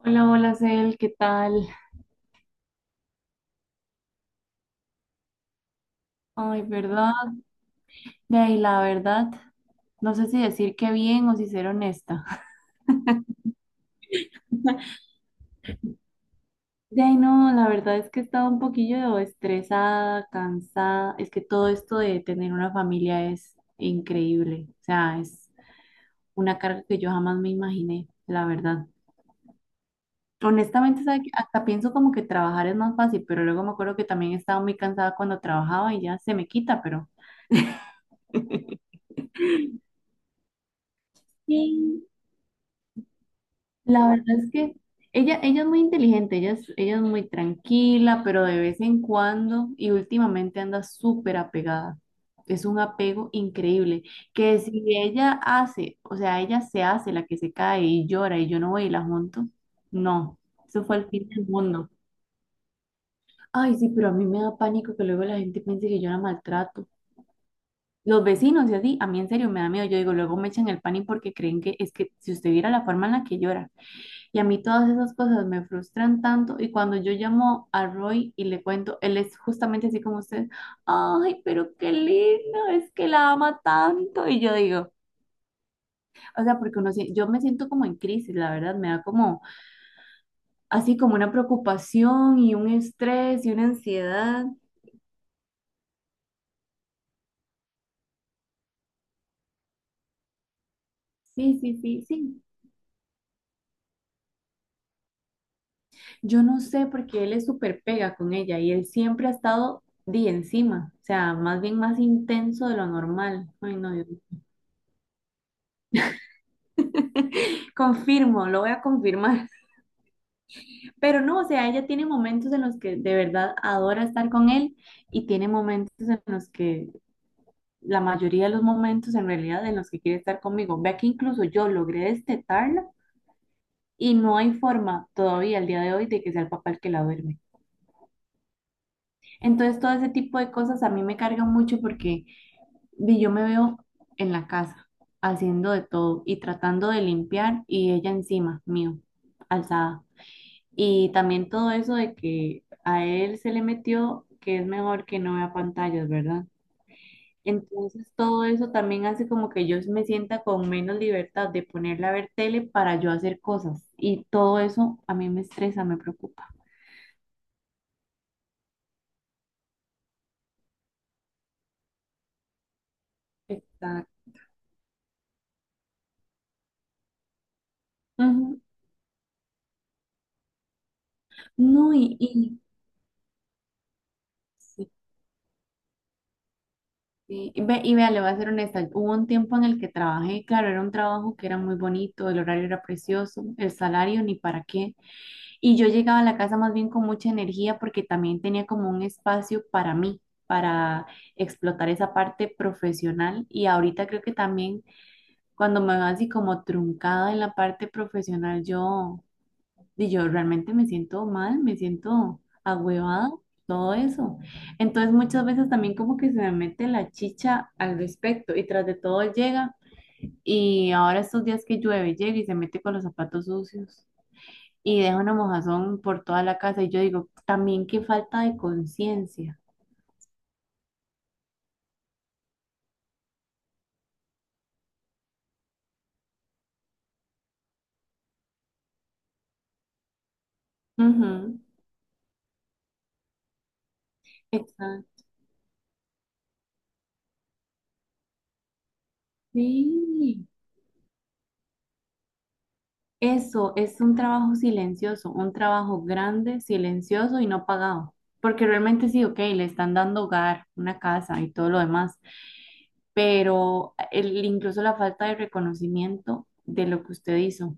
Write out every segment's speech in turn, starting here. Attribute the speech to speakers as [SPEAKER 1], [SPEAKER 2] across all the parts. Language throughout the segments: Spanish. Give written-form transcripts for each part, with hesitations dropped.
[SPEAKER 1] Hola, hola, Cel, ¿qué tal? Ay, ¿verdad? De ahí, la verdad, no sé si decir qué bien o si ser honesta. De ahí, no, la verdad es que he estado un poquillo estresada, cansada. Es que todo esto de tener una familia es increíble. O sea, es una carga que yo jamás me imaginé, la verdad. Honestamente, ¿sabe qué? Hasta pienso como que trabajar es más fácil, pero luego me acuerdo que también estaba muy cansada cuando trabajaba y ya se me quita, pero... Sí, la verdad es que ella es muy inteligente, ella es muy tranquila, pero de vez en cuando y últimamente anda súper apegada. Es un apego increíble, que si ella hace, o sea, ella se hace la que se cae y llora y yo no voy y la junto, no, eso fue el fin del mundo. Ay, sí, pero a mí me da pánico que luego la gente piense que yo la maltrato. Los vecinos y así, a mí en serio me da miedo, yo digo, luego me echan el pánico porque creen que es que si usted viera la forma en la que llora. Y a mí todas esas cosas me frustran tanto. Y cuando yo llamo a Roy y le cuento, él es justamente así como usted, ay, pero qué lindo, es que la ama tanto. Y yo digo, o sea, porque uno, yo me siento como en crisis, la verdad, me da como, así como una preocupación y un estrés y una ansiedad. Sí, sí, sí. Yo no sé porque él es súper pega con ella y él siempre ha estado de encima, o sea, más bien más intenso de lo normal. Ay, no, Dios. Confirmo, lo voy a confirmar. Pero no, o sea, ella tiene momentos en los que de verdad adora estar con él y tiene momentos en los que, la mayoría de los momentos en realidad en los que quiere estar conmigo. Vea que incluso yo logré destetarla y no hay forma todavía al día de hoy de que sea el papá el que la duerme. Entonces, todo ese tipo de cosas a mí me cargan mucho porque di, yo me veo en la casa haciendo de todo y tratando de limpiar y ella encima mío, alzada. Y también todo eso de que a él se le metió que es mejor que no vea pantallas, ¿verdad? Entonces todo eso también hace como que yo me sienta con menos libertad de ponerle a ver tele para yo hacer cosas. Y todo eso a mí me estresa, me preocupa. Exacto. Ujú. No, y, sí, sí. Y vea, le voy a ser honesta, hubo un tiempo en el que trabajé, claro, era un trabajo que era muy bonito, el horario era precioso, el salario ni para qué. Y yo llegaba a la casa más bien con mucha energía porque también tenía como un espacio para mí, para explotar esa parte profesional. Y ahorita creo que también cuando me veo así como truncada en la parte profesional, yo realmente me siento mal, me siento agüevada, todo eso. Entonces muchas veces también como que se me mete la chicha al respecto y tras de todo llega. Y ahora estos días que llueve, llega y se mete con los zapatos sucios y deja una mojazón por toda la casa. Y yo digo, también qué falta de conciencia. Ujú. Exacto. Sí. Eso es un trabajo silencioso, un trabajo grande, silencioso y no pagado. Porque realmente sí, ok, le están dando hogar, una casa y todo lo demás, pero el, incluso la falta de reconocimiento de lo que usted hizo,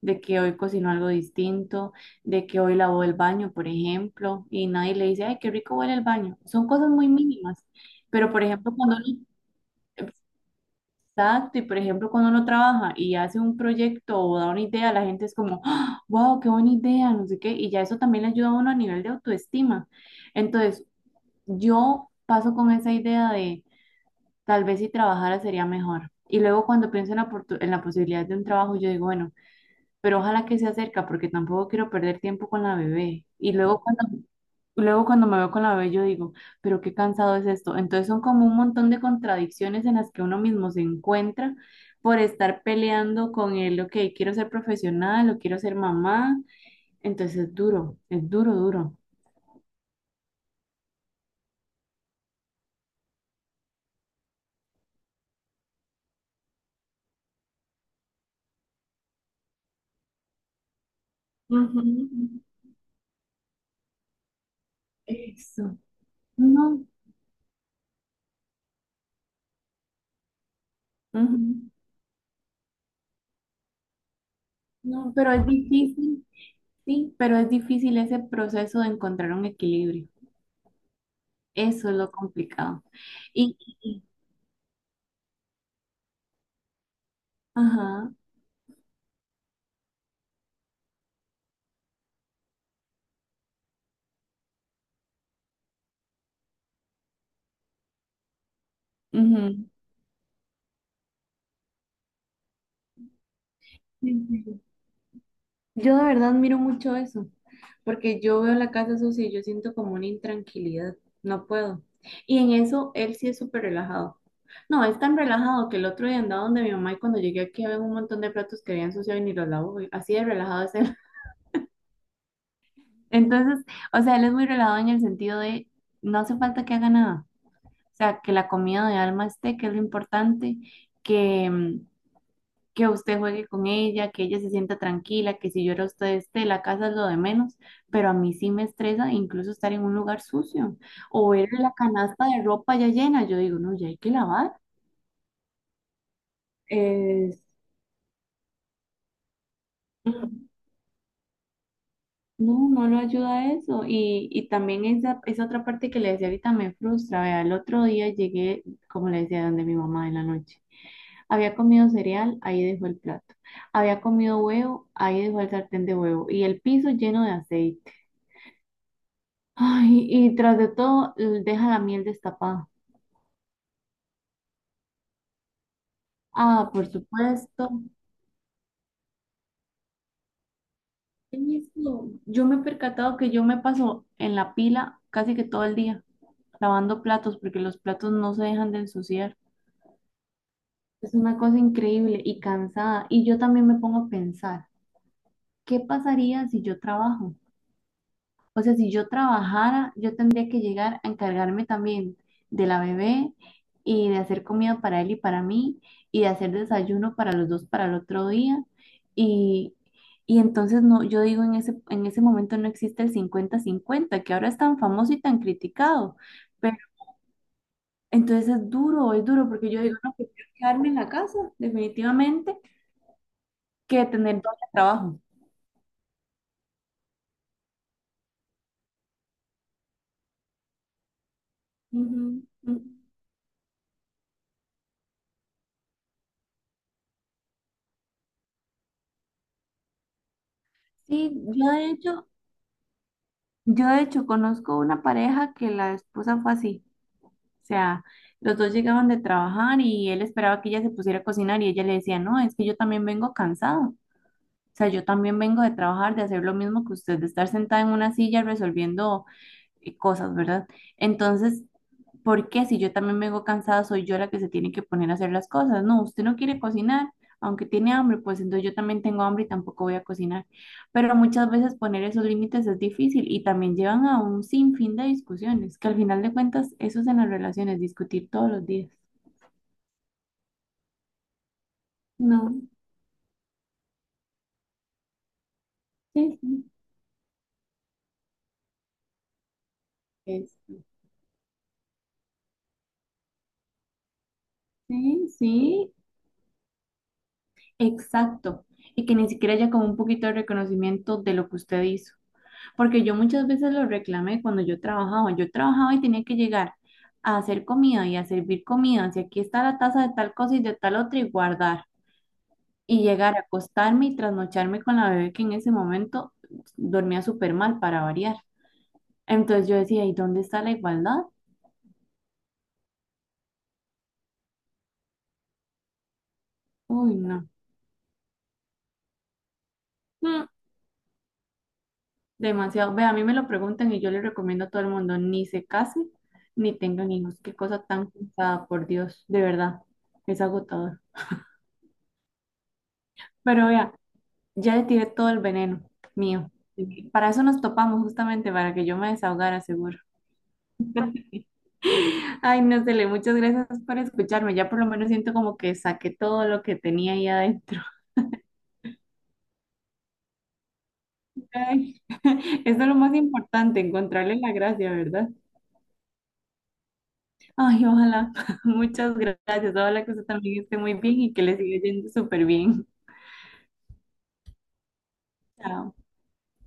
[SPEAKER 1] de que hoy cocinó algo distinto, de que hoy lavó el baño, por ejemplo, y nadie le dice, ay, qué rico huele el baño. Son cosas muy mínimas, pero por ejemplo, cuando uno, exacto, y por ejemplo, cuando uno trabaja y hace un proyecto o da una idea, la gente es como, wow, qué buena idea, no sé qué, y ya eso también le ayuda a uno a nivel de autoestima. Entonces, yo paso con esa idea de tal vez si trabajara sería mejor. Y luego cuando pienso en la, en la posibilidad de un trabajo, yo digo, bueno, pero ojalá que se cerca porque tampoco quiero perder tiempo con la bebé. Luego cuando me veo con la bebé yo digo, pero qué cansado es esto. Entonces son como un montón de contradicciones en las que uno mismo se encuentra por estar peleando con el, ok, quiero ser profesional o quiero ser mamá. Entonces es duro, es duro. Ujú. Eso. No, ujú, no, pero es difícil, sí, pero es difícil ese proceso de encontrar un equilibrio. Eso es lo complicado. Y, y- y- ajá, ujú. Sí, sí. Yo de verdad miro mucho eso, porque yo veo la casa sucia y yo siento como una intranquilidad, no puedo. Y en eso él sí es súper relajado. No, es tan relajado que el otro día andaba donde mi mamá y cuando llegué aquí había un montón de platos que habían ensuciado y ni los lavó, y así de relajado es él. Entonces, o sea, él es muy relajado en el sentido de no hace falta que haga nada. O sea, que la comida de alma esté, que es lo importante, que, que usted juegue con ella, que ella se sienta tranquila, que si llora usted esté, la casa es lo de menos, pero a mí sí me estresa incluso estar en un lugar sucio o ver la canasta de ropa ya llena, yo digo, no, ya hay que lavar. Es- no, no lo ayuda a eso. Y también esa otra parte que le decía ahorita me frustra. Vea, el otro día llegué, como le decía, donde mi mamá en la noche. Había comido cereal, ahí dejó el plato. Había comido huevo, ahí dejó el sartén de huevo. Y el piso lleno de aceite. Ay, y tras de todo, deja la miel destapada. Ah, por supuesto. Eso, yo me he percatado que yo me paso en la pila casi que todo el día lavando platos porque los platos no se dejan de ensuciar. Es una cosa increíble y cansada. Y yo también me pongo a pensar, ¿qué pasaría si yo trabajo? O sea, si yo trabajara, yo tendría que llegar a encargarme también de la bebé y de hacer comida para él y para mí y de hacer desayuno para los dos para el otro día. Y, y entonces no, yo digo, en ese momento no existe el cincuenta-cincuenta que ahora es tan famoso y tan criticado. Pero entonces es duro, porque yo digo, no, prefiero quedarme en la casa, definitivamente, que tener todo el trabajo. Ujú, ujú. Sí, yo de hecho, Yo de hecho conozco una pareja que la esposa fue así, o sea, los dos llegaban de trabajar y él esperaba que ella se pusiera a cocinar y ella le decía, no, es que yo también vengo cansado, o sea, yo también vengo de trabajar, de hacer lo mismo que usted, de estar sentada en una silla resolviendo cosas, ¿verdad? Entonces, ¿por qué si yo también vengo cansada, soy yo la que se tiene que poner a hacer las cosas? No, usted no quiere cocinar, aunque tiene hambre, pues entonces yo también tengo hambre y tampoco voy a cocinar. Pero muchas veces poner esos límites es difícil y también llevan a un sinfín de discusiones, que al final de cuentas eso es en las relaciones, discutir todos los días. No, sí, sí, es- sí, sí, exacto. Y que ni siquiera haya como un poquito de reconocimiento de lo que usted hizo. Porque yo muchas veces lo reclamé cuando yo trabajaba. Yo trabajaba y tenía que llegar a hacer comida y a servir comida. Si aquí está la taza de tal cosa y de tal otra y guardar. Y llegar a acostarme y trasnocharme con la bebé que en ese momento dormía súper mal para variar. Entonces yo decía, ¿y dónde está la igualdad? Uy, no. Mm, demasiado. Ve, a mí me lo preguntan y yo le recomiendo a todo el mundo, ni se case, ni tengan hijos. Qué cosa tan cansada, por Dios. De verdad, es agotador. Pero vea. Ya le tiré todo el veneno mío. Para eso nos topamos justamente, para que yo me desahogara, seguro. Ay, no sé, Le, muchas gracias por escucharme. Ya por lo menos siento como que saqué todo lo que tenía ahí adentro. Ay, eso es lo más importante, encontrarle la gracia, ¿verdad? Ay, ojalá. Muchas gracias. Ojalá que usted también esté muy bien y que le siga yendo súper bien. Chao.